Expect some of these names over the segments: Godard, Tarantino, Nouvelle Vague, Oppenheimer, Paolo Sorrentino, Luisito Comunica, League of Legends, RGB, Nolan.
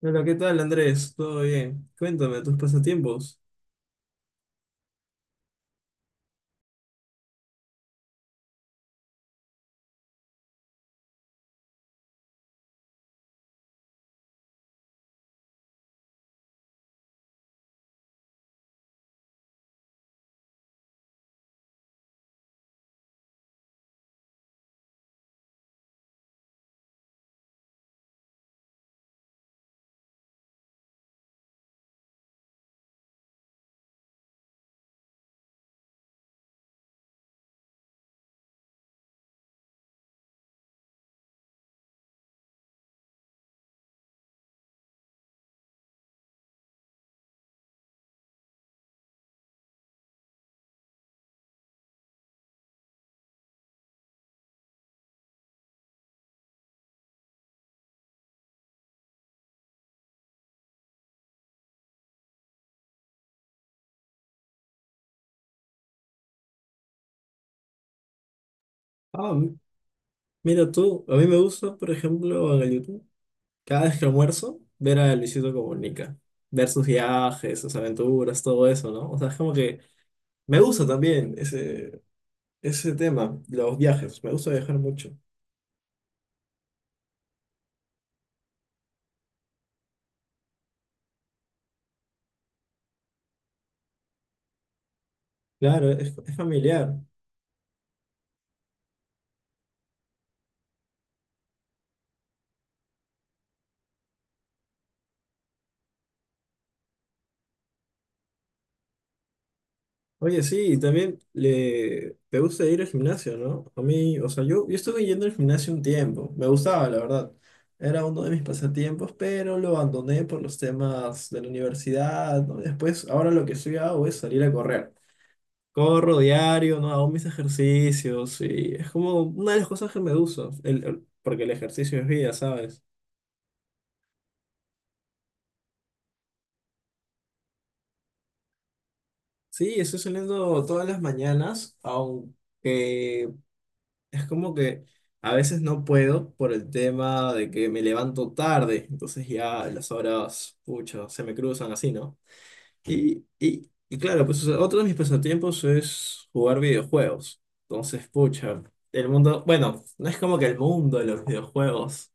Hola, ¿qué tal, Andrés? ¿Todo bien? Cuéntame tus pasatiempos. Ah, m- Mira tú, a mí me gusta, por ejemplo, en el YouTube, cada vez que almuerzo, ver a Luisito Comunica, ver sus viajes, sus aventuras, todo eso, ¿no? O sea, es como que me gusta también ese tema, los viajes, me gusta viajar mucho. Claro, es familiar. Oye, sí, y también te gusta ir al gimnasio, ¿no? A mí, o sea, yo estuve yendo al gimnasio un tiempo, me gustaba, la verdad. Era uno de mis pasatiempos, pero lo abandoné por los temas de la universidad, ¿no? Después, ahora lo que estoy hago es salir a correr. Corro diario, ¿no? Hago mis ejercicios y es como una de las cosas que me gusta, porque el ejercicio es vida, ¿sabes? Sí, estoy saliendo todas las mañanas, aunque es como que a veces no puedo por el tema de que me levanto tarde, entonces ya las horas, pucha, se me cruzan así, ¿no? Y claro, pues o sea, otro de mis pasatiempos es jugar videojuegos. Entonces, pucha, el mundo, bueno, no es como que el mundo de los videojuegos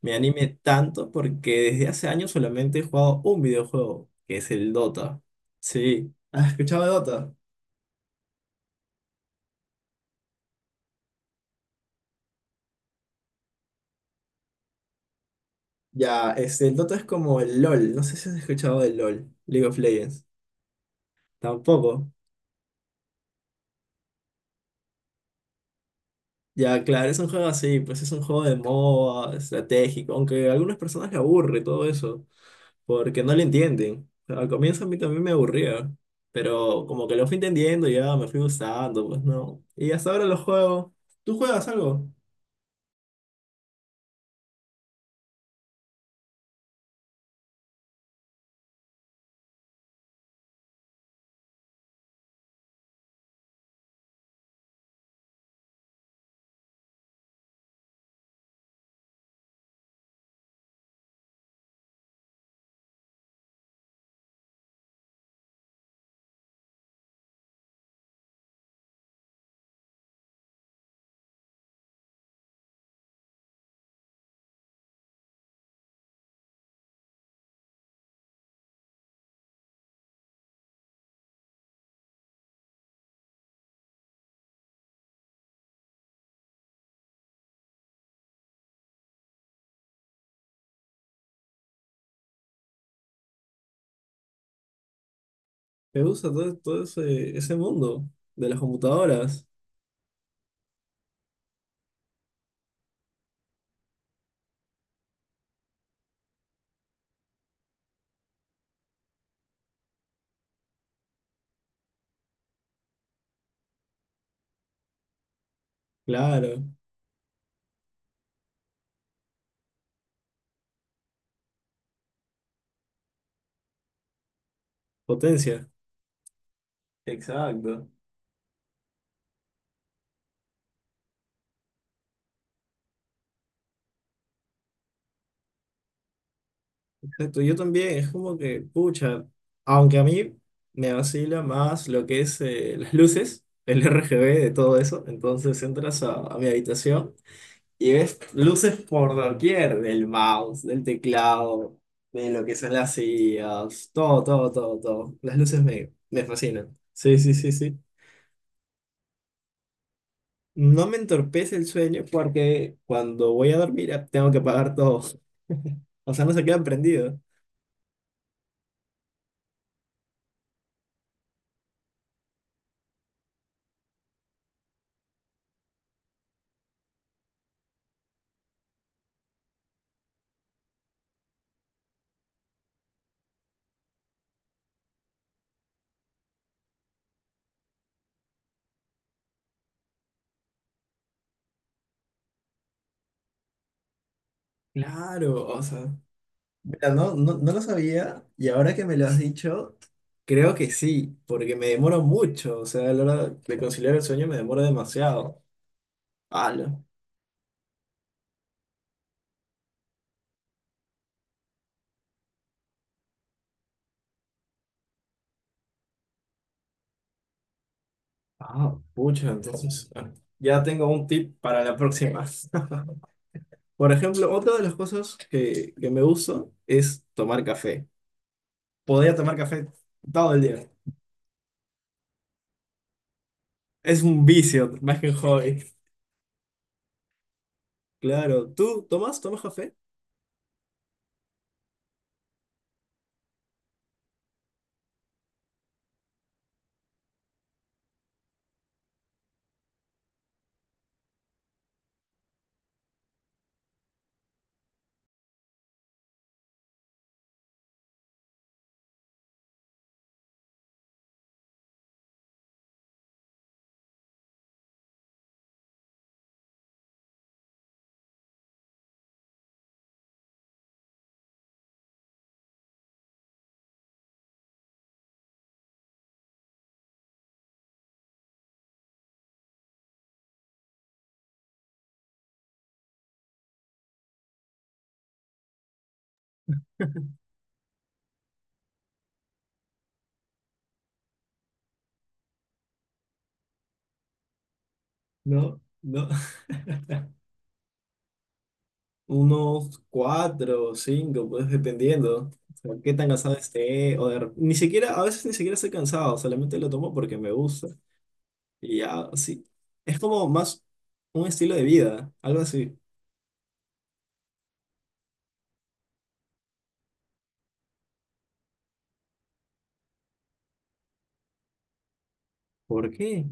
me anime tanto porque desde hace años solamente he jugado un videojuego, que es el Dota. Sí, ¿has escuchado de Dota? Ya, este, el Dota es como el LOL, no sé si has escuchado del LOL, League of Legends. Tampoco. Ya, claro, es un juego así, pues es un juego de moda, estratégico, aunque a algunas personas le aburre todo eso, porque no le entienden. Al comienzo a mí también me aburría, pero como que lo fui entendiendo, ya me fui gustando, pues no. Y hasta ahora lo juego. ¿Tú juegas algo? Me gusta todo, ese mundo de las computadoras. Claro, potencia. Exacto. Exacto, yo también, es como que, pucha, aunque a mí me vacila más lo que es las luces, el RGB de todo eso, entonces entras a mi habitación y ves luces por doquier, del mouse, del teclado, de lo que son las sillas, todo. Las luces me fascinan. Sí, sí, sí, sí. No me entorpece el sueño porque cuando voy a dormir tengo que apagar todo. O sea, no se queda prendido. Claro, o sea. Mira, no, no, no lo sabía y ahora que me lo has dicho, creo que sí, porque me demoro mucho, o sea, a la hora de conciliar el sueño me demoro demasiado. ¡Hala! Ah, pucha, entonces ya tengo un tip para la próxima. Por ejemplo, otra de las cosas que me gusta es tomar café. Podría tomar café todo el día. Es un vicio, más que un hobby. Claro, ¿tú tomas? ¿Tomas café? No, no. Unos cuatro o cinco, pues dependiendo. O sea, qué tan cansado esté. Ni siquiera, a veces ni siquiera estoy cansado, solamente lo tomo porque me gusta. Y ya, sí. Es como más un estilo de vida, algo así. ¿Por qué?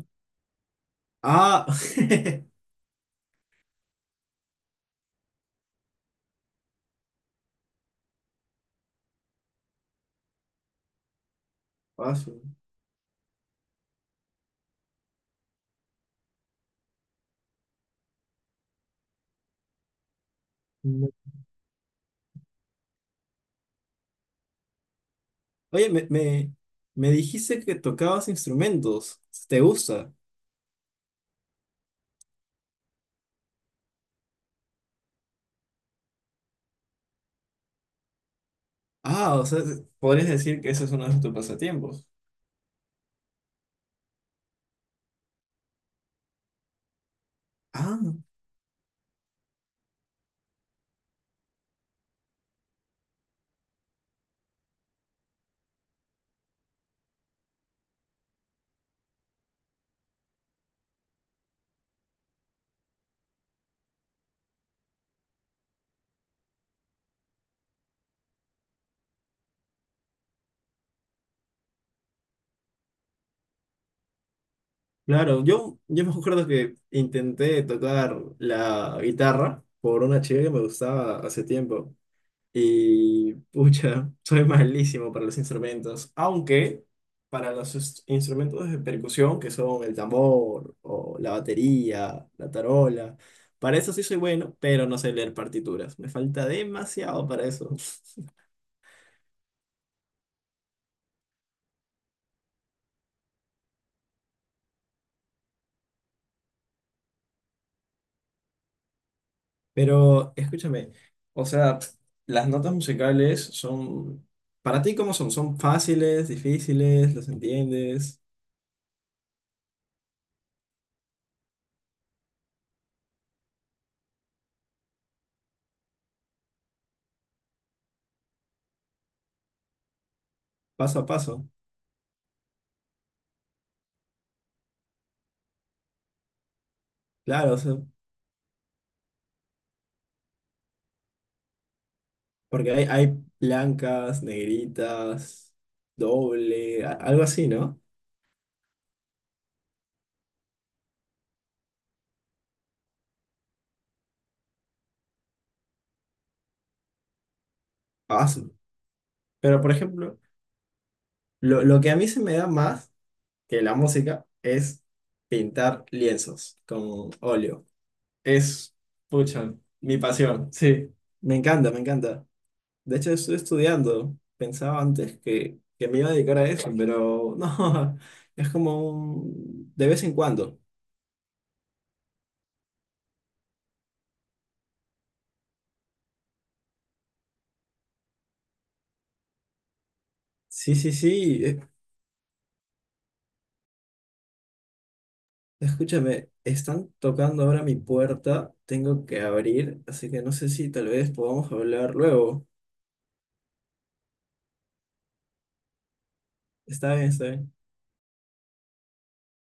Ah, paso. No. Oye, me dijiste que tocabas instrumentos. ¿Te gusta? Ah, o sea, podrías decir que eso es uno de tus pasatiempos. Ah. Claro, yo me acuerdo que intenté tocar la guitarra por una chica que me gustaba hace tiempo y pucha, soy malísimo para los instrumentos, aunque para los instrumentos de percusión que son el tambor o la batería, la tarola, para eso sí soy bueno, pero no sé leer partituras, me falta demasiado para eso. Pero escúchame, o sea, las notas musicales son, para ti, ¿cómo son? ¿Son fáciles, difíciles? ¿Las entiendes? Paso a paso. Claro, o sea, porque hay blancas, negritas, algo así, ¿no? Ah, sí. Pero, por ejemplo, lo que a mí se me da más que la música es pintar lienzos con óleo. Es, pucha, mi pasión, sí. Me encanta, me encanta. De hecho, estoy estudiando. Pensaba antes que me iba a dedicar a eso, pero no, es como un- de vez en cuando. Sí, sí, sí. Escúchame, están tocando ahora mi puerta. Tengo que abrir, así que no sé si tal vez podamos hablar luego. Está bien, está bien.